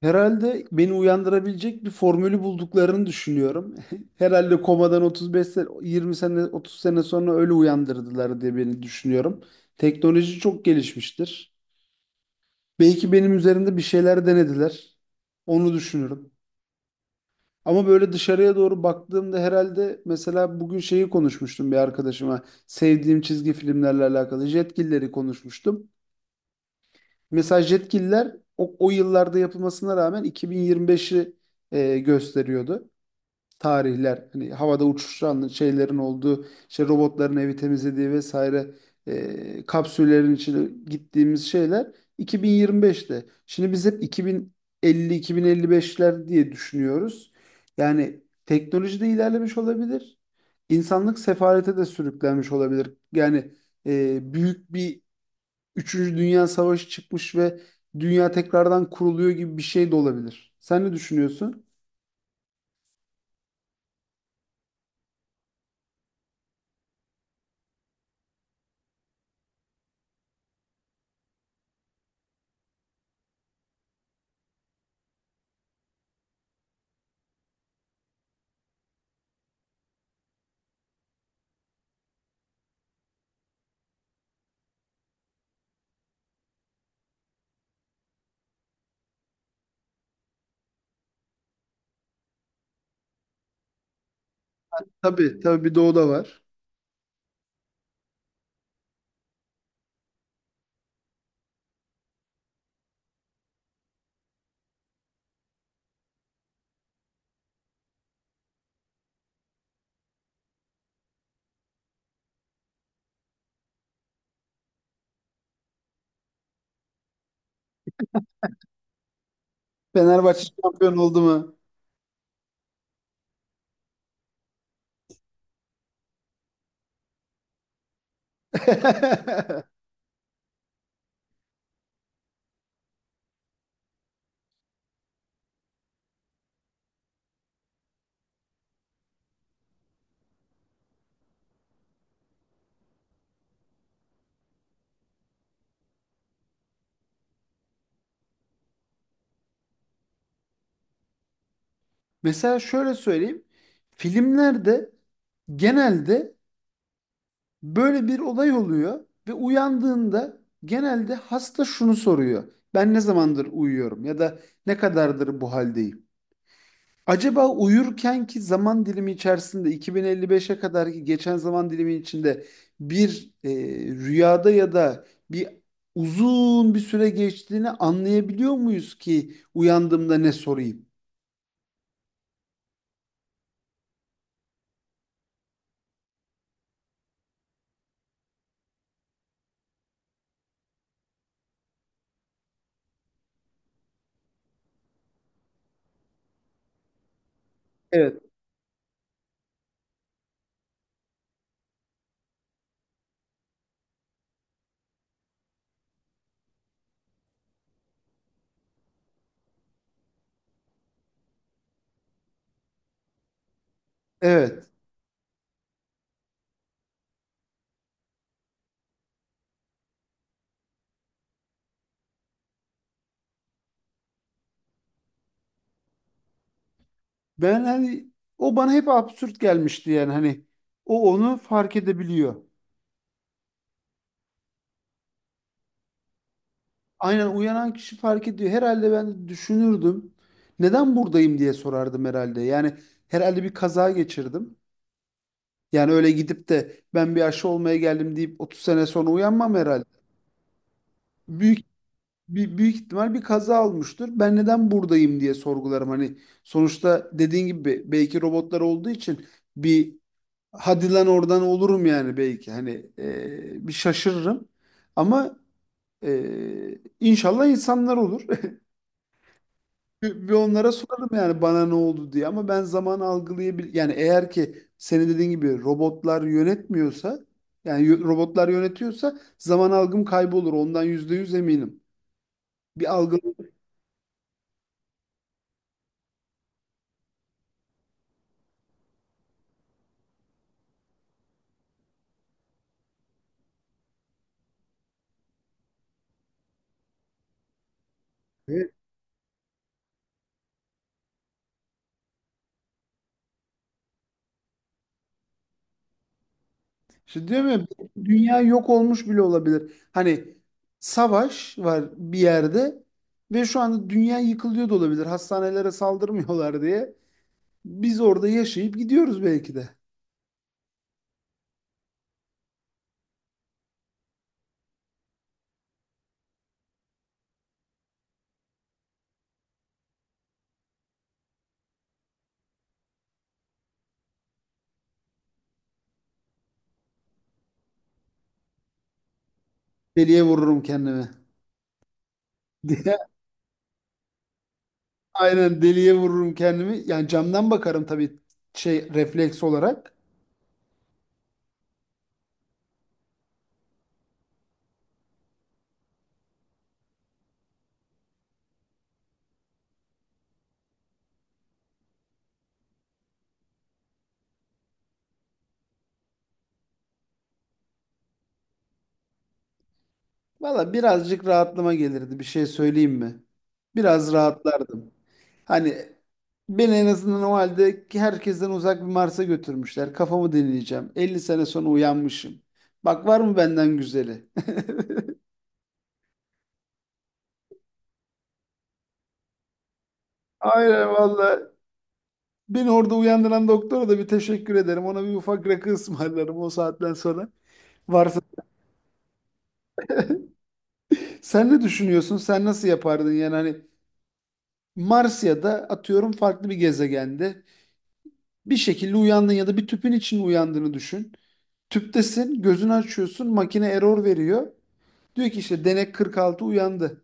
Herhalde beni uyandırabilecek bir formülü bulduklarını düşünüyorum. Herhalde komadan 35 sene, 20 sene, 30 sene sonra öyle uyandırdılar diye beni düşünüyorum. Teknoloji çok gelişmiştir. Belki benim üzerinde bir şeyler denediler. Onu düşünüyorum. Ama böyle dışarıya doğru baktığımda herhalde mesela bugün şeyi konuşmuştum bir arkadaşıma. Sevdiğim çizgi filmlerle alakalı Jetgiller'i konuşmuştum. Mesela Jetgiller o yıllarda yapılmasına rağmen 2025'i gösteriyordu. Tarihler hani havada uçuşan şeylerin olduğu işte robotların evi temizlediği vesaire, kapsüllerin içine gittiğimiz şeyler 2025'te. Şimdi biz hep 2050-2055'ler diye düşünüyoruz. Yani teknoloji de ilerlemiş olabilir. İnsanlık sefalete de sürüklenmiş olabilir. Yani büyük bir Üçüncü Dünya Savaşı çıkmış ve dünya tekrardan kuruluyor gibi bir şey de olabilir. Sen ne düşünüyorsun? Tabii, tabii, bir doğu da var. Fenerbahçe şampiyon oldu mu? Mesela şöyle söyleyeyim. Filmlerde genelde böyle bir olay oluyor ve uyandığında genelde hasta şunu soruyor. Ben ne zamandır uyuyorum ya da ne kadardır bu haldeyim? Acaba uyurkenki zaman dilimi içerisinde 2055'e kadarki geçen zaman dilimi içinde bir rüyada ya da bir uzun bir süre geçtiğini anlayabiliyor muyuz ki uyandığımda ne sorayım? Evet, evet. Ben hani o bana hep absürt gelmişti, yani hani o onu fark edebiliyor. Aynen, uyanan kişi fark ediyor. Herhalde ben düşünürdüm. Neden buradayım diye sorardım herhalde. Yani herhalde bir kaza geçirdim. Yani öyle gidip de ben bir aşı olmaya geldim deyip 30 sene sonra uyanmam herhalde. Büyük büyük ihtimal bir kaza olmuştur. Ben neden buradayım diye sorgularım. Hani sonuçta dediğin gibi belki robotlar olduğu için bir hadi lan oradan olurum yani belki hani bir şaşırırım ama inşallah insanlar olur. Bir onlara sorarım yani bana ne oldu diye, ama ben zaman algılayabil yani eğer ki senin dediğin gibi robotlar yönetmiyorsa, yani robotlar yönetiyorsa zaman algım kaybolur, ondan %100 eminim. Bir algı. İşte değil mi? Dünya yok olmuş bile olabilir. Hani savaş var bir yerde ve şu anda dünya yıkılıyor da olabilir. Hastanelere saldırmıyorlar diye. Biz orada yaşayıp gidiyoruz belki de. Deliye vururum kendimi. Diye. Aynen, deliye vururum kendimi. Yani camdan bakarım tabii, şey, refleks olarak. Valla birazcık rahatlama gelirdi, bir şey söyleyeyim mi? Biraz rahatlardım. Hani beni en azından o halde ki herkesten uzak bir Mars'a götürmüşler. Kafamı dinleyeceğim. 50 sene sonra uyanmışım. Bak, var mı benden güzeli? Aynen valla. Beni orada uyandıran doktora da bir teşekkür ederim. Ona bir ufak rakı ısmarlarım o saatten sonra. Varsa. Sen ne düşünüyorsun? Sen nasıl yapardın? Yani hani Mars ya da atıyorum farklı bir gezegende bir şekilde uyandın ya da bir tüpün içinde uyandığını düşün. Tüptesin, gözünü açıyorsun, makine error veriyor. Diyor ki işte denek 46 uyandı.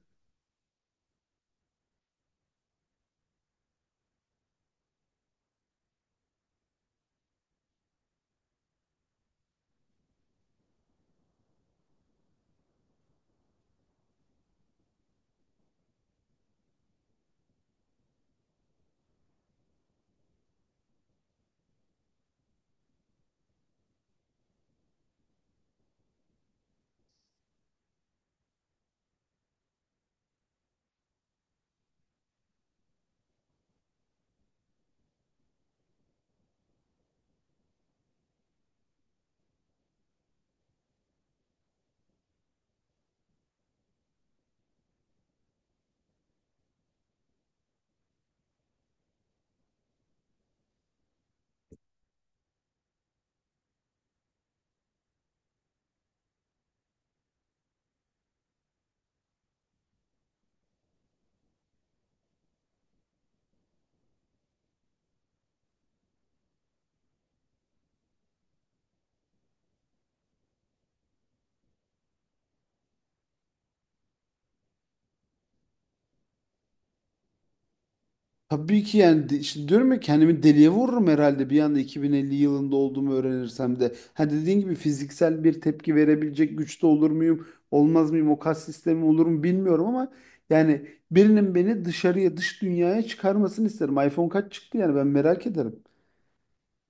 Tabii ki yani işte diyorum ya, kendimi deliye vururum herhalde bir anda 2050 yılında olduğumu öğrenirsem de. Ha, dediğin gibi fiziksel bir tepki verebilecek güçte olur muyum, olmaz mıyım, o kas sistemi olur mu bilmiyorum ama yani birinin beni dışarıya, dış dünyaya çıkarmasını isterim. iPhone kaç çıktı yani, ben merak ederim.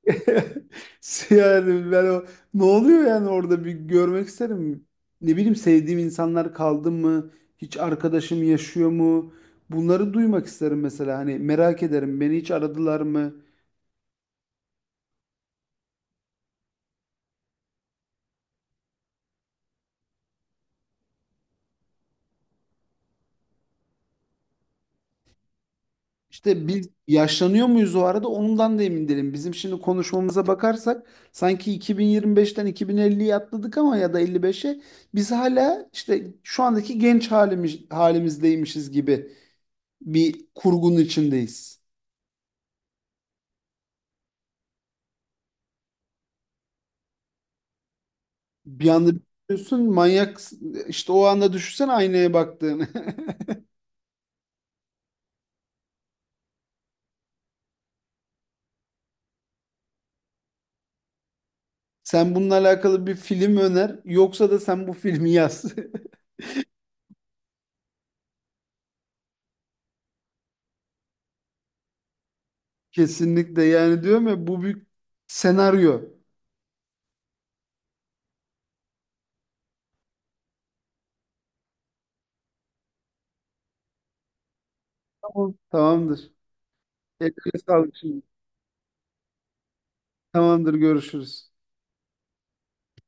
Yani ben o ne oluyor yani, orada bir görmek isterim. Ne bileyim, sevdiğim insanlar kaldı mı? Hiç arkadaşım yaşıyor mu? Bunları duymak isterim mesela. Hani merak ederim. Beni hiç aradılar mı? İşte biz yaşlanıyor muyuz o arada? Ondan da emin değilim. Bizim şimdi konuşmamıza bakarsak sanki 2025'ten 2050'ye atladık, ama ya da 55'e, biz hala işte şu andaki genç halimizdeymişiz gibi bir kurgunun içindeyiz. Bir anda düşünüyorsun manyak, işte o anda düşünsen aynaya baktığını. Sen bununla alakalı bir film öner, yoksa da sen bu filmi yaz. Kesinlikle, yani diyorum ya bu bir senaryo. Tamam. Tamamdır. Eline sağlık şimdi. Tamamdır, görüşürüz.